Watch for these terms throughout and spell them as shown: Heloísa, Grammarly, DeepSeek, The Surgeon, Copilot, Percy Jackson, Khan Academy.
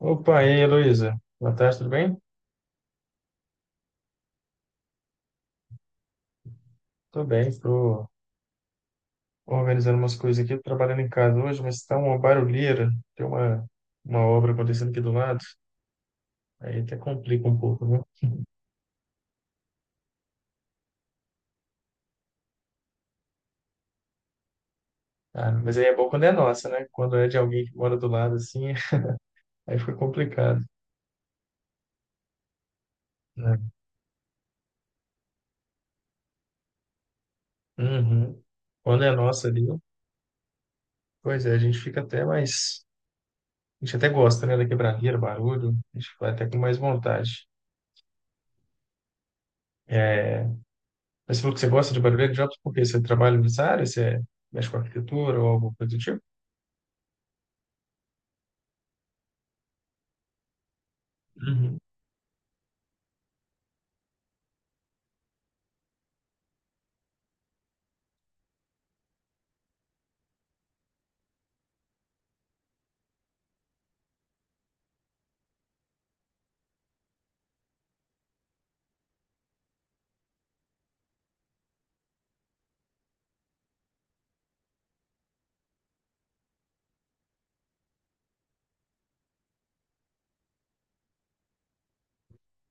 Opa, e aí, Heloísa? Boa tarde, tudo bem? Tô bem, tô organizando umas coisas aqui, tô trabalhando em casa hoje, mas tá uma barulheira, tem uma obra acontecendo aqui do lado, aí até complica um pouco, né? Ah, mas aí é bom quando é nossa, né? Quando é de alguém que mora do lado, assim, aí fica complicado, né? Uhum. Quando é nossa ali, pois é, a gente fica até mais. A gente até gosta, né, da quebradeira, barulho, a gente vai até com mais vontade. É. Mas você falou que você gosta de barulho de jobs porque você trabalha nessa área, você mexe com arquitetura ou alguma coisa do tipo? Uhum.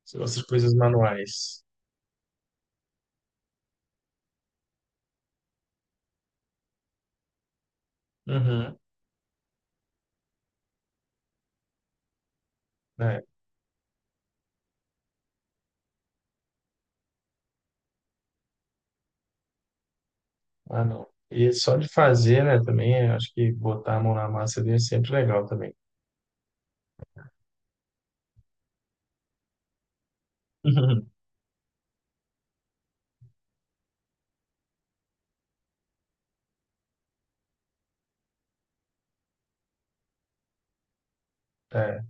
Você gosta de coisas manuais, uhum, né? Ah, não. E só de fazer, né, também, eu acho que botar a mão na massa ali é sempre legal também. Uhum. É.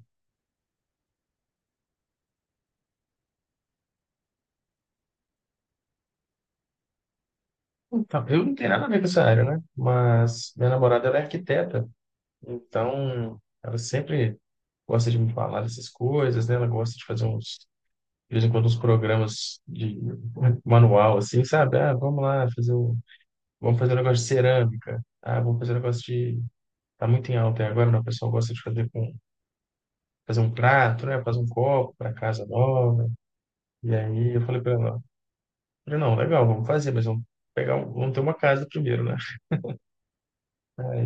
Então, eu não tenho nada a ver com essa área, né? Mas minha namorada, ela é arquiteta, então ela sempre gosta de me falar dessas coisas, né? Ela gosta de fazer uns, de vez em quando, uns programas de manual, assim, sabe? Ah, vamos lá fazer um. Vamos fazer um negócio de cerâmica. Ah, vamos fazer um negócio de. Tá muito em alta aí agora, né? O pessoal gosta de fazer com fazer um prato, né? Fazer um copo para casa nova. E aí eu falei para ela, eu falei, não, legal, vamos fazer, mas vamos pegar, vamos ter uma casa primeiro, né? Aí,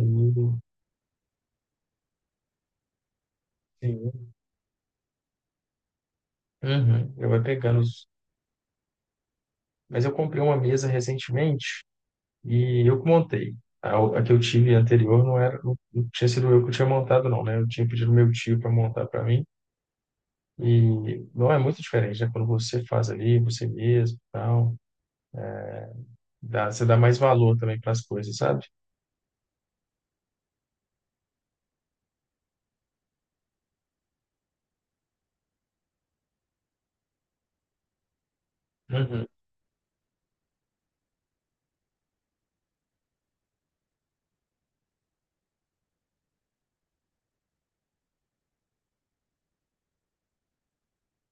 sim. Uhum, eu vai pegando os. Mas eu comprei uma mesa recentemente e eu que montei. A que eu tive anterior não era, não tinha sido eu que tinha montado, não, né? Eu tinha pedido meu tio para montar para mim. E não é muito diferente, né? Quando você faz ali, você mesmo, tal, dá, você dá mais valor também para as coisas, sabe? Uhum,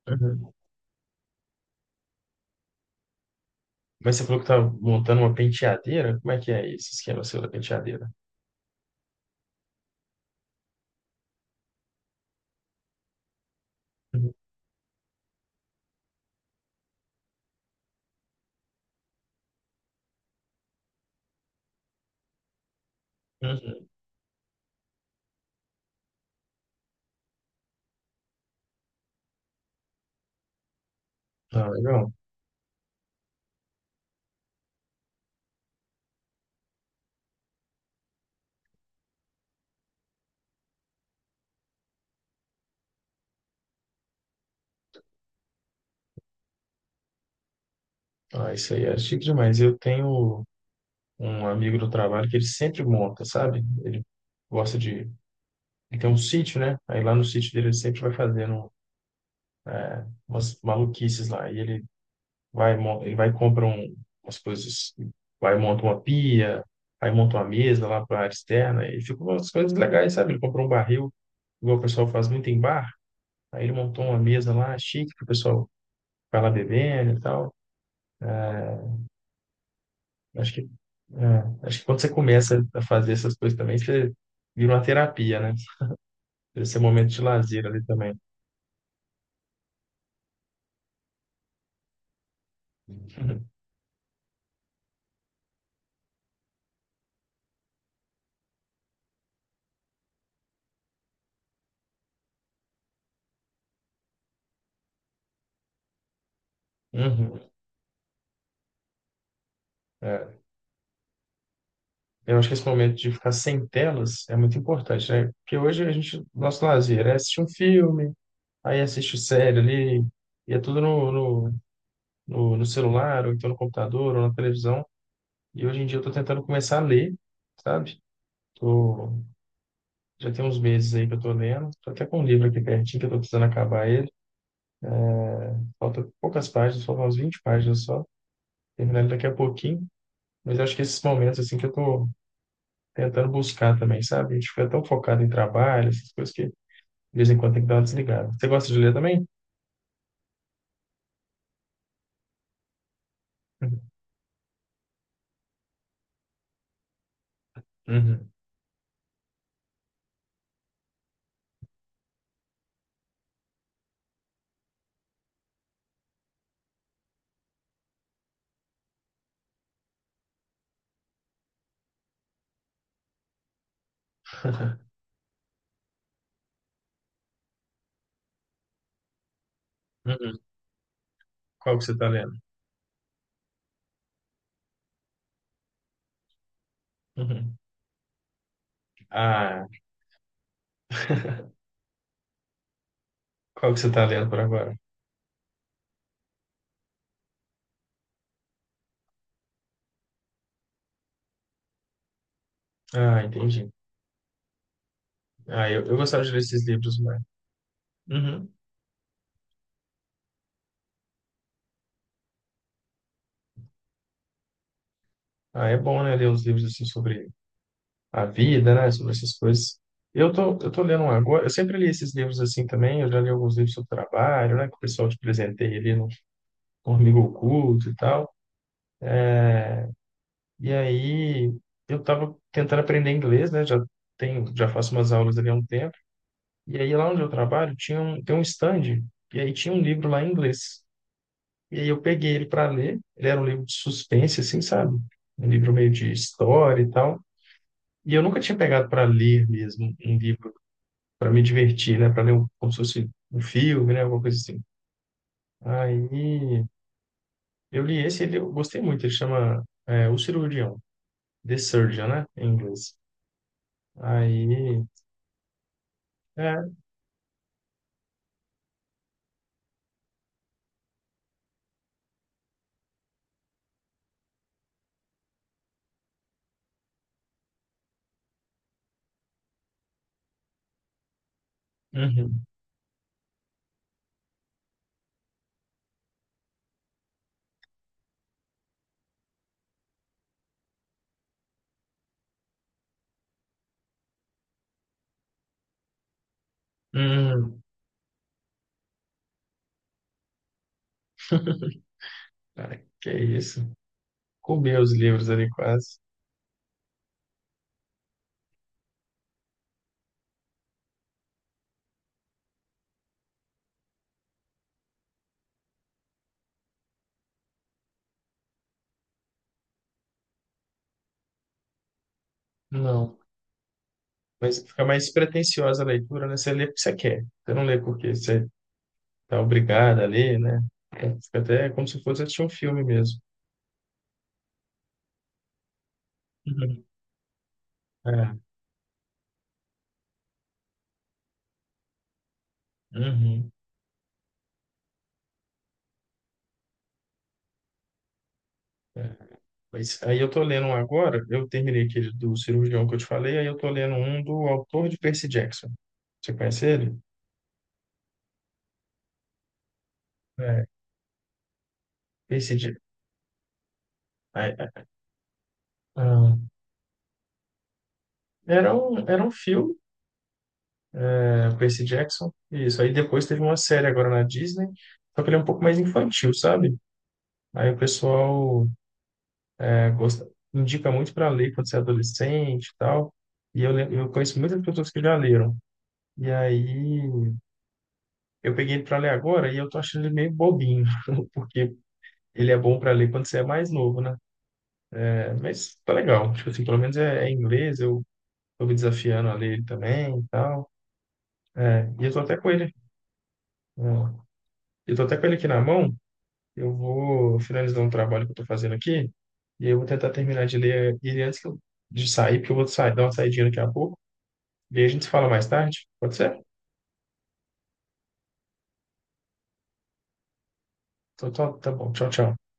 uhum. Mas você falou que tá montando uma penteadeira? Como é que é esse esquema seu da penteadeira? Uhum, uhum. Ah, legal. Ah, isso aí é chique demais. Eu tenho um amigo do trabalho que ele sempre monta, sabe? Ele gosta de. Ele tem um sítio, né? Aí lá no sítio dele ele sempre vai fazendo umas maluquices lá. E ele vai e compra umas coisas, vai monta uma pia, aí monta uma mesa lá para a área externa, e ficam umas coisas legais, sabe? Ele comprou um barril, igual o pessoal faz muito em bar, aí ele montou uma mesa lá, chique, que o pessoal vai lá bebendo e tal. Acho que, acho que quando você começa a fazer essas coisas também, você vira uma terapia, né? Esse é um momento de lazer ali também. Uhum, é. Eu acho que esse momento de ficar sem telas é muito importante, né? Porque hoje a gente, nosso lazer é assistir um filme, aí assiste série ali, e é tudo no, no celular, ou então no computador, ou na televisão. E hoje em dia eu tô tentando começar a ler, sabe? Tô, Já tem uns meses aí que eu tô lendo. Tô até com um livro aqui pertinho que eu tô precisando acabar ele. Falta poucas páginas, faltam umas 20 páginas só. Terminar ele daqui a pouquinho. Mas eu acho que esses momentos, assim, que eu tô tentando buscar também, sabe? A gente fica tão focado em trabalho, essas coisas que de vez em quando tem que dar uma desligada. Você gosta de ler também? Uhum. Uhum. Uhum. Qual que você tá lendo? Uhum. Ah, qual que você está lendo por agora? Ah, entendi. Ah, eu gostava de ler esses livros, mas... Uhum. Ah, é bom, né, ler uns livros assim sobre a vida, né, sobre essas coisas. Eu tô lendo um agora, eu sempre li esses livros assim também, eu já li alguns livros sobre trabalho, né, que o pessoal te presenteia ali no Amigo Oculto e tal. E aí, eu tava tentando aprender inglês, né, já tenho, já faço umas aulas ali há um tempo. E aí, lá onde eu trabalho, tem um stand, e aí tinha um livro lá em inglês. E aí eu peguei ele para ler. Ele era um livro de suspense, assim, sabe? Um livro meio de história e tal. E eu nunca tinha pegado para ler mesmo um livro para me divertir, né? Para ler um- como se fosse um filme, né? Alguma coisa assim. Aí eu li esse, ele eu gostei muito. Ele chama é, O Cirurgião, The Surgeon, né? Em inglês. Aí, é, uhum, uhum. Cara, que isso? Comeu os livros ali quase. Não. Mas fica mais pretensiosa a leitura, né? Você lê porque você quer. Você não lê porque você tá obrigado a ler, né? Então, fica até como se fosse assistir um filme mesmo. Uhum. É, uhum, é. Mas aí eu tô lendo um agora, eu terminei aquele do cirurgião que eu te falei, aí eu tô lendo um do autor de Percy Jackson. Você conhece ele? É, Percy Jackson. Era um filme, né, Percy Jackson. Isso. Aí depois teve uma série agora na Disney, só que ele é um pouco mais infantil, sabe? Aí o pessoal gosta, indica muito para ler quando você é adolescente e tal. E eu conheço muitas pessoas que já leram. E aí eu peguei ele para ler agora e eu tô achando ele meio bobinho, porque ele é bom para ler quando você é mais novo, né? É, mas tá legal. Tipo assim, pelo menos é, é em inglês, eu tô me desafiando a ler ele também e tal. É, e eu tô até com ele. Ó, eu tô até com ele aqui na mão. Eu vou finalizar um trabalho que eu tô fazendo aqui. E eu vou tentar terminar de ler ele antes de sair, porque eu vou sair, dar uma saidinha daqui a pouco. E aí a gente se fala mais tarde, pode ser? Então, tá, tá bom. Tchau, tchau.